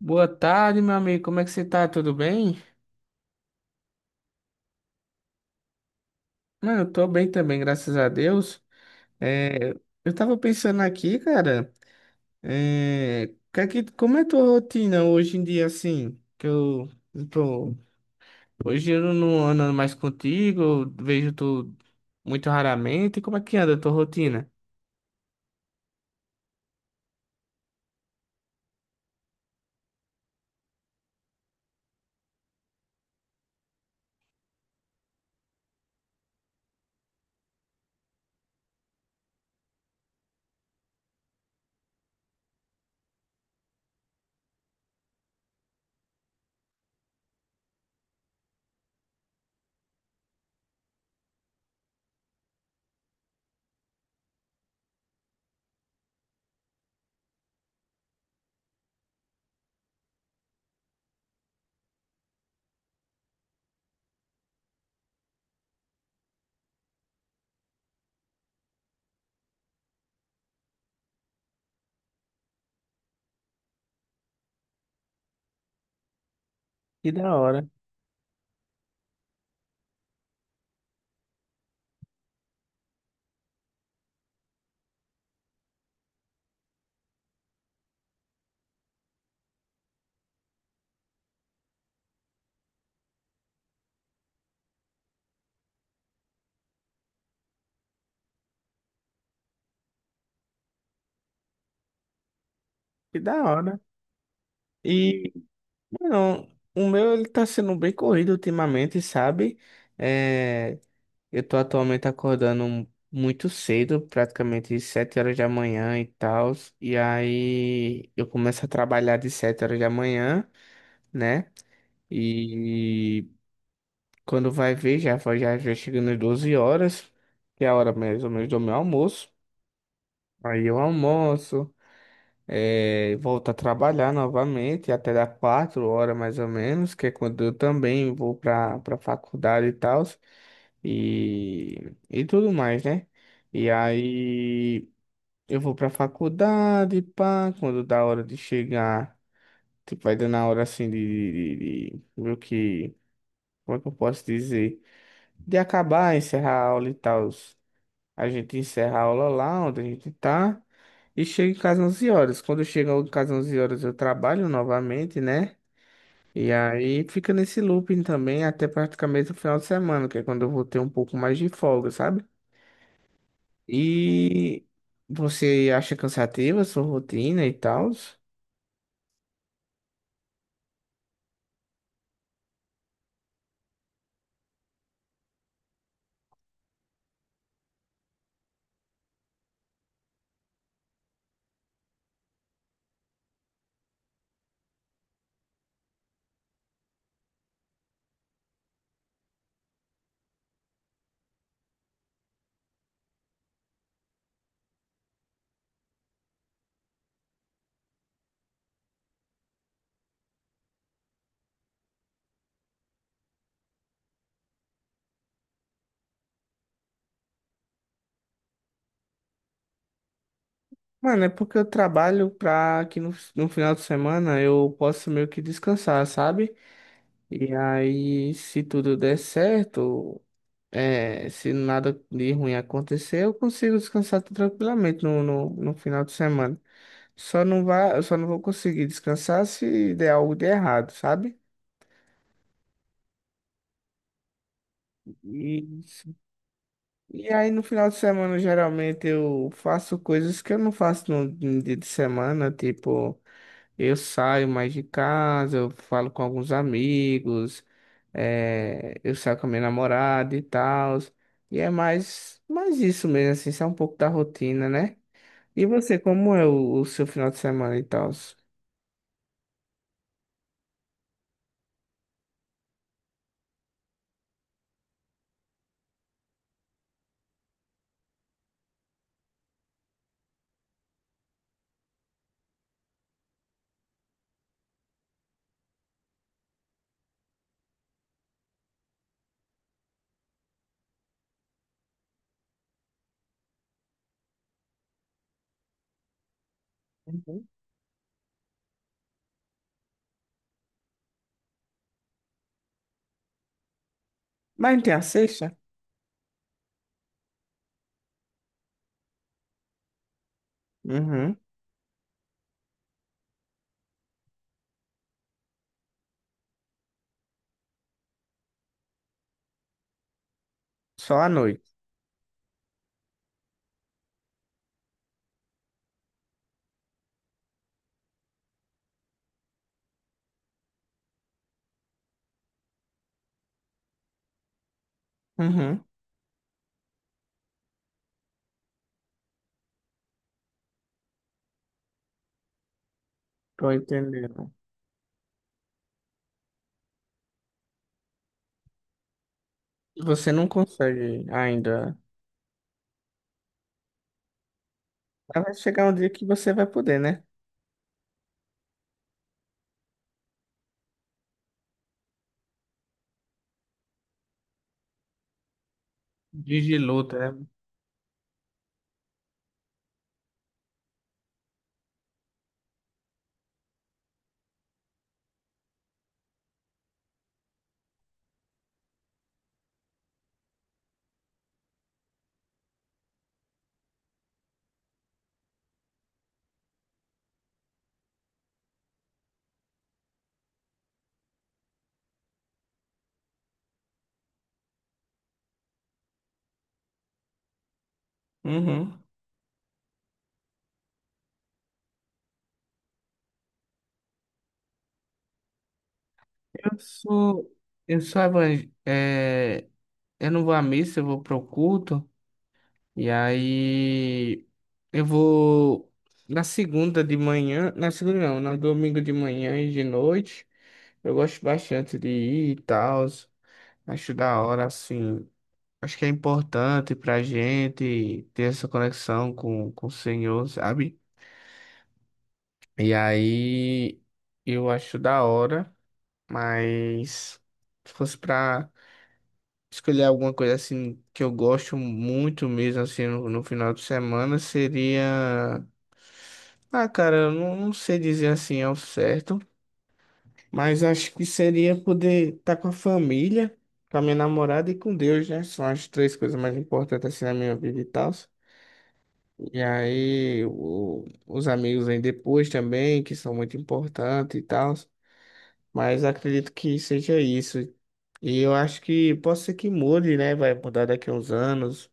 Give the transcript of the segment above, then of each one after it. Boa tarde, meu amigo. Como é que você tá? Tudo bem? Mano, eu tô bem também, graças a Deus. É, eu tava pensando aqui, cara, é, que é como é a tua rotina hoje em dia, assim? Tô, Hoje eu não ando mais contigo, eu vejo tu muito raramente. Como é que anda a tua rotina? Que da hora, que da hora. E, não, o meu ele tá sendo bem corrido ultimamente, sabe? É, eu tô atualmente acordando muito cedo, praticamente 7 horas da manhã e tal. E aí eu começo a trabalhar de 7 horas da manhã, né? E quando vai ver, já chegando às 12 horas, que é a hora mais ou menos do meu almoço. Aí eu almoço. Eh, volto a trabalhar novamente até dar 4 horas mais ou menos, que é quando eu também vou para faculdade e tal, e tudo mais, né? E aí eu vou para faculdade, pá, quando dá hora de chegar, tipo, vai dando a hora assim de meio que, como é que eu posso dizer? De acabar, encerrar a aula e tal. A gente encerra a aula lá onde a gente tá e chega em casa 11 horas. Quando eu chego em casa 11 horas, eu trabalho novamente, né? E aí fica nesse looping também até praticamente o final de semana, que é quando eu vou ter um pouco mais de folga, sabe? E você acha cansativa a sua rotina e tal? Mano, é porque eu trabalho pra que no final de semana eu possa meio que descansar, sabe? E aí, se tudo der certo. É, se nada de ruim acontecer, eu consigo descansar tranquilamente no final de semana. Só não vá, Eu só não vou conseguir descansar se der algo de errado, sabe? E, e aí no final de semana, geralmente, eu faço coisas que eu não faço no dia de semana, tipo, eu saio mais de casa, eu falo com alguns amigos, é, eu saio com a minha namorada e tal. E é mais isso mesmo, assim, isso é um pouco da rotina, né? E você, como é o seu final de semana e tal? Uhum. Mas não tem a sexta? Uhum. Só à noite. Uhum. Tô entendendo. Você não consegue ainda. Mas vai chegar um dia que você vai poder, né? Dias de luta, né? Uhum. Eu sou. Eu sou evangélico. Eu não vou à missa, eu vou pro culto. E aí. Eu vou. Na segunda de manhã. Na segunda não, Na domingo de manhã e de noite. Eu gosto bastante de ir e tal. Acho da hora, assim. Acho que é importante pra gente ter essa conexão com o Senhor, sabe? E aí eu acho da hora, mas se fosse pra escolher alguma coisa assim que eu gosto muito mesmo, assim, no final de semana, seria. Ah, cara, eu não, não sei dizer assim ao certo. Mas acho que seria poder estar com a família, com a minha namorada e com Deus, né? São as três coisas mais importantes assim na minha vida e tal. E aí, os amigos vêm depois também, que são muito importantes e tal. Mas acredito que seja isso. E eu acho que pode ser que mude, né? Vai mudar daqui a uns anos.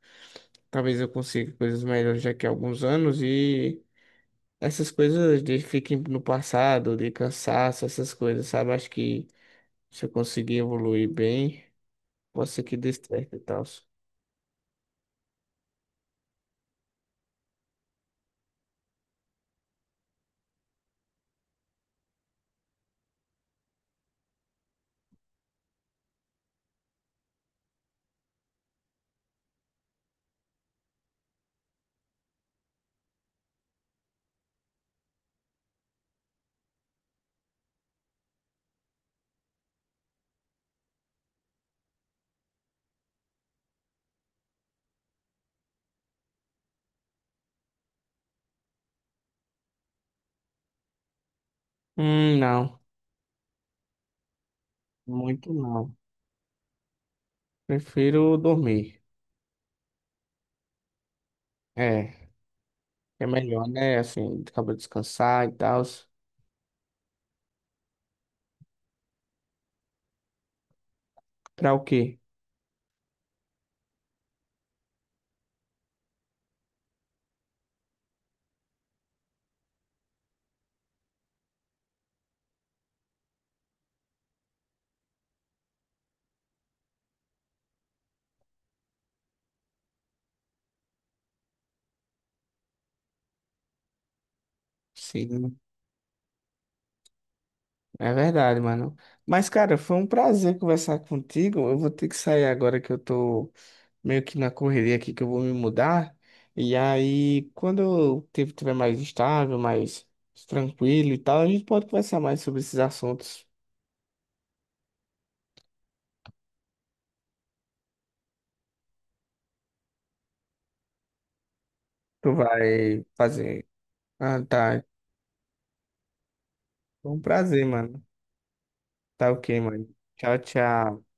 Talvez eu consiga coisas melhores daqui a alguns anos. E essas coisas de fiquem no passado, de cansaço, essas coisas, sabe? Acho que se eu conseguir evoluir bem. Pode ser que dê certo e tal. Não. Muito não. Prefiro dormir. É. É melhor, né? Assim, acaba de descansar e tal. Pra o quê? Sim. É verdade, mano. Mas, cara, foi um prazer conversar contigo. Eu vou ter que sair agora que eu tô meio que na correria aqui, que eu vou me mudar. E aí, quando eu tiver mais estável, mais tranquilo e tal, a gente pode conversar mais sobre esses assuntos. Tu vai fazer. Ah, tá. Foi um prazer, mano. Tá ok, mano. Tchau, tchau.